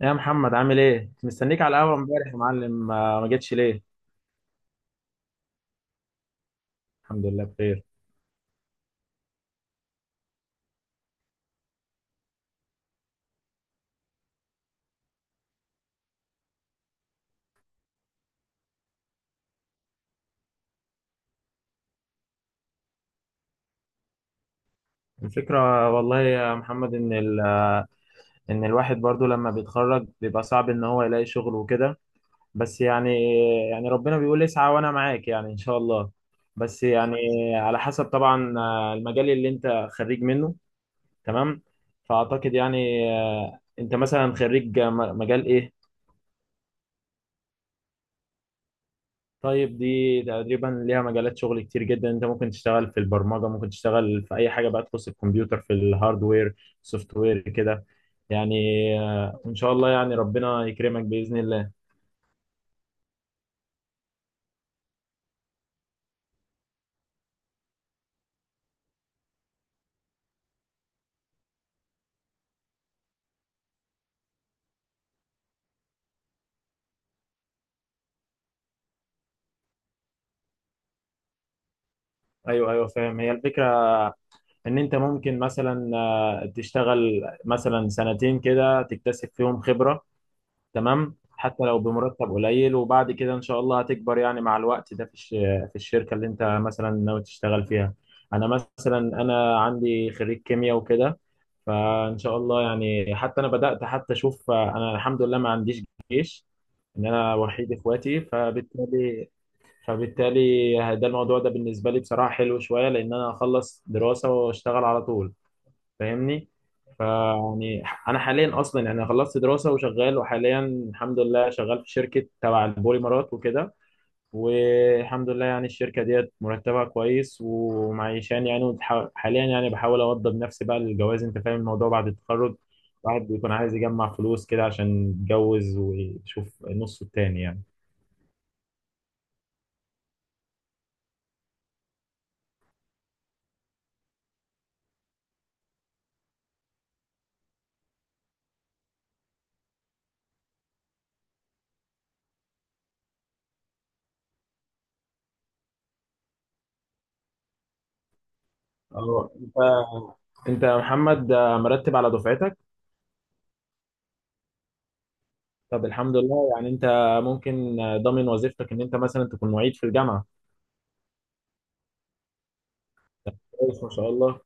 يا محمد، عامل ايه؟ كنت مستنيك على القهوة امبارح يا معلم، ما جتش ليه؟ الحمد لله بخير. الفكرة والله يا محمد، ان الواحد برضو لما بيتخرج بيبقى صعب ان هو يلاقي شغل وكده. بس يعني ربنا بيقول اسعى وانا معاك، يعني ان شاء الله. بس يعني على حسب طبعا، المجال اللي انت خريج منه، تمام؟ فاعتقد يعني، انت مثلا خريج مجال ايه؟ طيب، دي تقريبا ليها مجالات شغل كتير جدا، انت ممكن تشتغل في البرمجة، ممكن تشتغل في اي حاجة بقى تخص الكمبيوتر، في الهاردوير سوفت وير كده، يعني ان شاء الله يعني ربنا يكرمك بإذن الله. ايوه ايوه، فاهم هي الفكرة، ان انت ممكن مثلا، تشتغل مثلا سنتين كده تكتسب فيهم خبرة، تمام، حتى لو بمرتب قليل، وبعد كده ان شاء الله هتكبر يعني مع الوقت ده في الشركة اللي انت مثلا ناوي تشتغل فيها. انا مثلا انا عندي خريج كيمياء وكده، فان شاء الله يعني، حتى انا بدات، حتى اشوف انا الحمد لله ما عنديش جيش، ان انا وحيد اخواتي، فبالتالي ده الموضوع ده بالنسبه لي بصراحه حلو شويه، لان انا اخلص دراسه واشتغل على طول، فاهمني. فيعني انا حاليا اصلا يعني خلصت دراسه وشغال، وحاليا الحمد لله شغال في شركه تبع البوليمرات وكده، والحمد لله يعني الشركة ديت مرتبها كويس ومعيشاني يعني، حاليا يعني بحاول أوضب نفسي بقى للجواز، أنت فاهم الموضوع بعد التخرج. الواحد بيكون عايز يجمع فلوس كده عشان يتجوز ويشوف نصه التاني يعني. اه انت انت يا محمد، مرتب على دفعتك. طب الحمد لله، يعني انت ممكن ضامن وظيفتك ان انت مثلا تكون معيد في الجامعة. طب كويس ما شاء الله.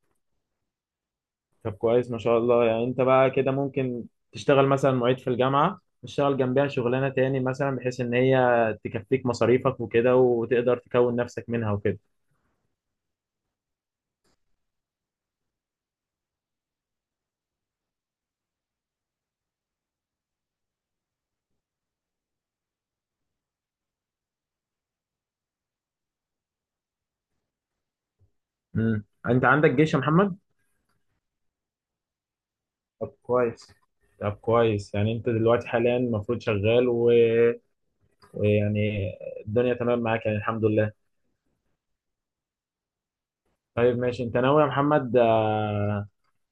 طب كويس ما شاء الله، يعني انت بقى كده ممكن تشتغل مثلا معيد في الجامعة، تشتغل جنبها شغلانة تاني مثلا، بحيث ان هي تكفيك مصاريفك وكده وتقدر تكون نفسك منها وكده. انت عندك جيش يا محمد؟ طب كويس. طب كويس، يعني انت دلوقتي حاليا المفروض شغال، ويعني الدنيا تمام معاك يعني الحمد لله. طيب ماشي، انت ناوي يا محمد،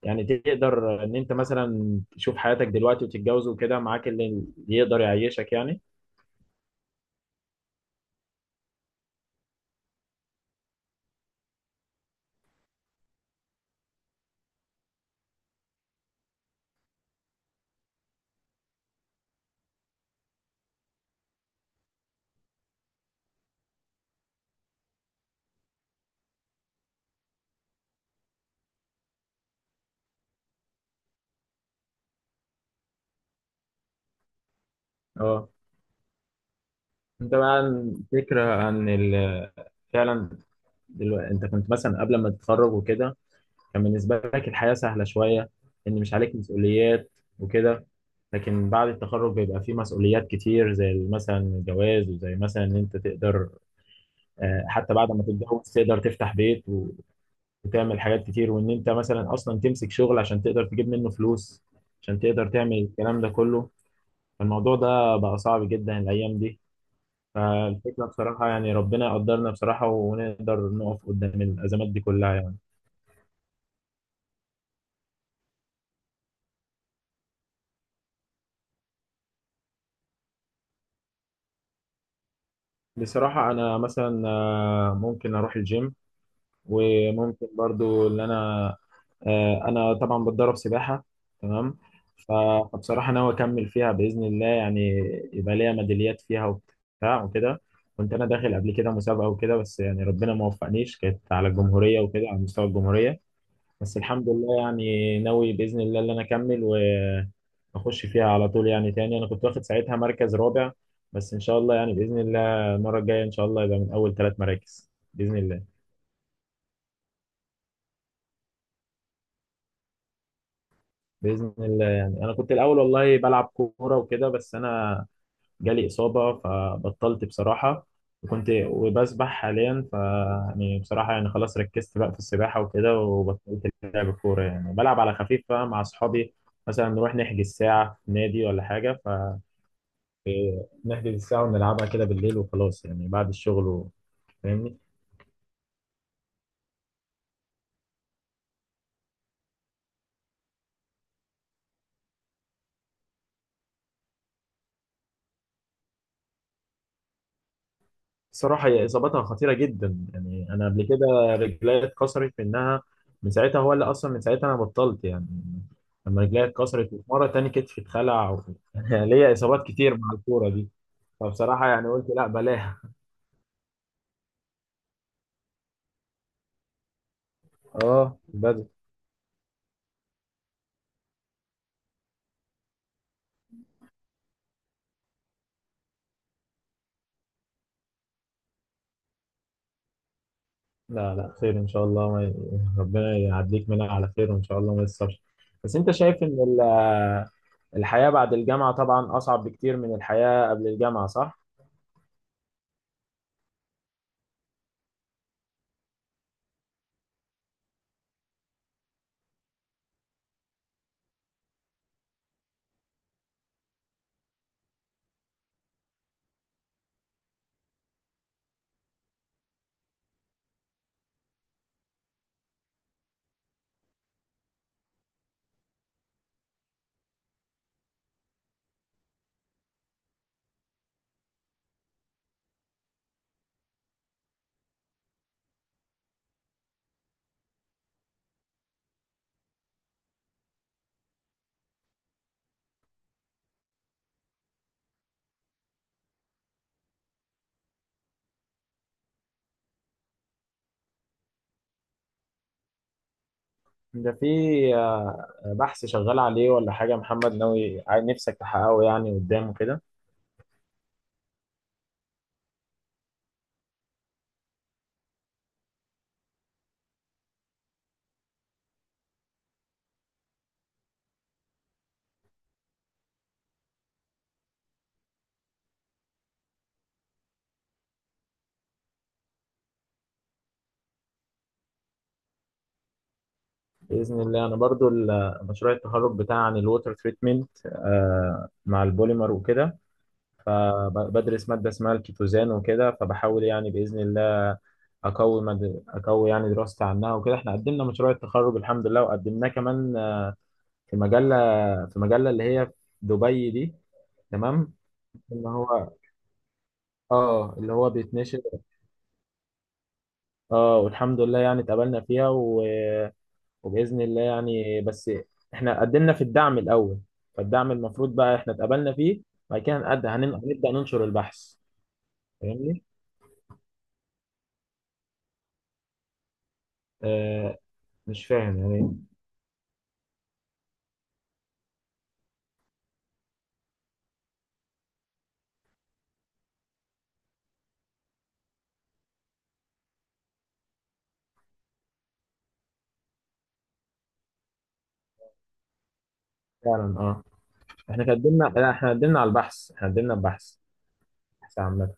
يعني تقدر ان انت مثلا تشوف حياتك دلوقتي وتتجوز وكده، معاك اللي يقدر يعيشك يعني. اه انت بقى عن فكرة فعلا، دلوقتي انت كنت مثلا قبل ما تتخرج وكده، كان بالنسبة لك الحياة سهلة شوية، ان مش عليك مسؤوليات وكده. لكن بعد التخرج بيبقى فيه مسؤوليات كتير، زي مثلا الجواز، وزي مثلا ان انت تقدر، حتى بعد ما تتجوز تقدر تفتح بيت وتعمل حاجات كتير، وان انت مثلا اصلا تمسك شغل عشان تقدر تجيب منه فلوس عشان تقدر تعمل الكلام ده كله. فالموضوع ده بقى صعب جدا الايام دي. فالفكرة بصراحة، يعني ربنا يقدرنا بصراحة ونقدر نقف قدام الأزمات دي كلها يعني. بصراحة أنا مثلا، ممكن أروح الجيم، وممكن برضو إن أنا طبعا بتدرب سباحة، تمام. ف- فبصراحة ناوي أكمل فيها بإذن الله يعني، يبقى ليا ميداليات فيها وبتاع وكده. كنت أنا داخل قبل كده مسابقة وكده، بس يعني ربنا ما وفقنيش، كانت على الجمهورية وكده، على مستوى الجمهورية. بس الحمد لله، يعني ناوي باذن الله ان انا اكمل واخش فيها على طول يعني تاني، انا كنت واخد ساعتها مركز رابع، بس ان شاء الله يعني باذن الله المره الجايه ان شاء الله يبقى من اول 3 مراكز باذن الله. باذن الله، يعني انا كنت الاول والله بلعب كوره وكده، بس انا جالي اصابه فبطلت بصراحه. وكنت وبسبح حاليا، يعني بصراحه يعني خلاص ركزت بقى في السباحه وكده، وبطلت لعب الكوره، يعني بلعب على خفيف بقى مع اصحابي، مثلا نروح نحجز ساعه في نادي ولا حاجه. إيه، نحجز الساعة ونلعبها كده بالليل وخلاص يعني بعد الشغل فاهمني. الصراحة هي إصابتها خطيرة جدا، يعني أنا قبل كده رجلي اتكسرت منها، من ساعتها هو اللي أصلا، من ساعتها أنا بطلت يعني، لما رجلي اتكسرت، ومرة تاني كتفي اتخلع ليا إصابات كتير مع الكورة دي. فبصراحة يعني قلت لا بلاها. اه، بدل. لا لا، خير إن شاء الله، ما... ي- ربنا يعديك منها على خير وإن شاء الله ما يصابش. بس أنت شايف إن الحياة بعد الجامعة طبعا أصعب بكتير من الحياة قبل الجامعة، صح؟ ده في آه، بحث شغال عليه ولا حاجة، محمد ناوي نفسك تحققه يعني قدام كده؟ بإذن الله، أنا برضو مشروع التخرج بتاعي عن الووتر تريتمنت مع البوليمر وكده. فبدرس مادة اسمها الكيتوزان وكده، فبحاول يعني بإذن الله أقوي يعني دراستي عنها وكده. إحنا قدمنا مشروع التخرج الحمد لله، وقدمناه كمان في مجلة في مجلة اللي هي في دبي دي، تمام. اللي هو اه اللي هو بيتنشر. اه والحمد لله يعني اتقابلنا فيها وبإذن الله يعني، بس احنا قدمنا في الدعم الأول. فالدعم المفروض بقى احنا اتقابلنا فيه، بعد كده هنبدأ ننشر البحث، فاهمني؟ آه مش فاهم يعني إيه. فعلا، احنا قدمنا، لا، احنا قدمنا على البحث، احنا قدمنا البحث بحث عامة.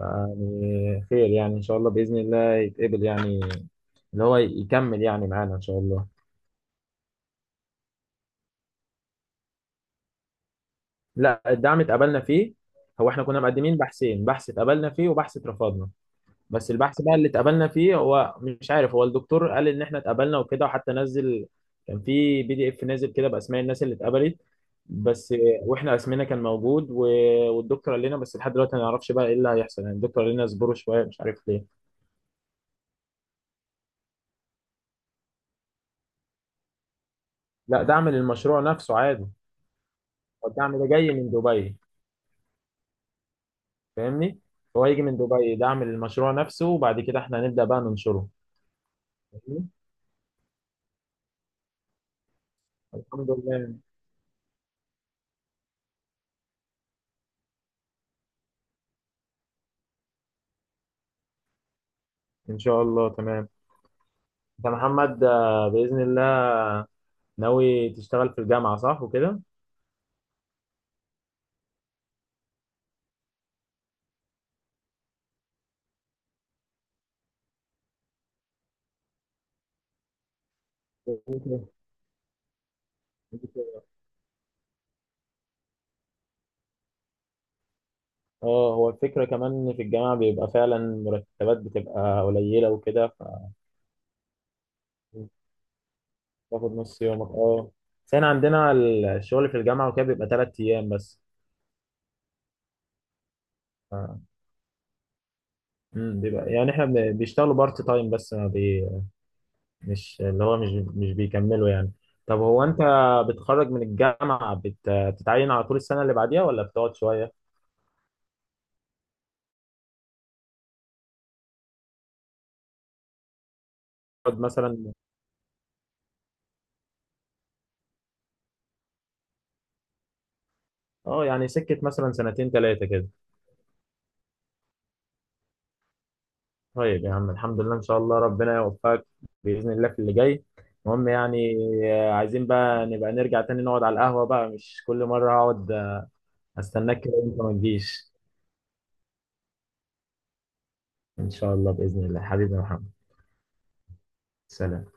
يعني خير، يعني ان شاء الله بإذن الله يتقبل يعني، اللي هو يكمل يعني معانا ان شاء الله. لا، الدعم اتقبلنا فيه، هو احنا كنا مقدمين بحثين، بحث اتقبلنا فيه وبحث اترفضنا. بس البحث بقى اللي اتقبلنا فيه، هو مش عارف، هو الدكتور قال ان احنا اتقبلنا وكده، وحتى نزل كان في PDF نازل كده باسماء الناس اللي اتقبلت. بس واحنا اسمنا كان موجود والدكتور قال لنا، بس لحد دلوقتي ما نعرفش بقى ايه اللي هيحصل، يعني الدكتور قال لنا اصبروا شويه، مش عارف ليه. لا، دعم للمشروع نفسه عادي، هو الدعم ده جاي من دبي، فاهمني. هو هيجي من دبي دعم للمشروع نفسه، وبعد كده احنا هنبدأ بقى ننشره، فاهمني؟ الحمد لله، ان شاء الله تمام. انت محمد، باذن الله ناوي تشتغل في الجامعه صح وكده. اه، هو الفكره كمان ان في الجامعه بيبقى فعلا مرتبات بتبقى قليله وكده، فتاخد نص يومك، بس احنا عندنا الشغل في الجامعه وكده بيبقى 3 ايام بس. ف- بيبقى يعني احنا بيشتغلوا بارت تايم، بس ما بي مش اللي هو مش بيكملوا يعني. طب هو انت بتخرج من الجامعه بتتعين على طول السنه اللي بعديها ولا بتقعد شويه؟ تقعد مثلا، اه يعني سكة مثلا سنتين ثلاثة كده. طيب يا عم، الحمد لله، ان شاء الله ربنا يوفقك بإذن الله في اللي جاي، المهم يعني، عايزين بقى نبقى نرجع تاني نقعد على القهوة بقى، مش كل مرة اقعد استناك كده وانت ما تجيش. ان شاء الله بإذن الله حبيبي يا محمد، سلام.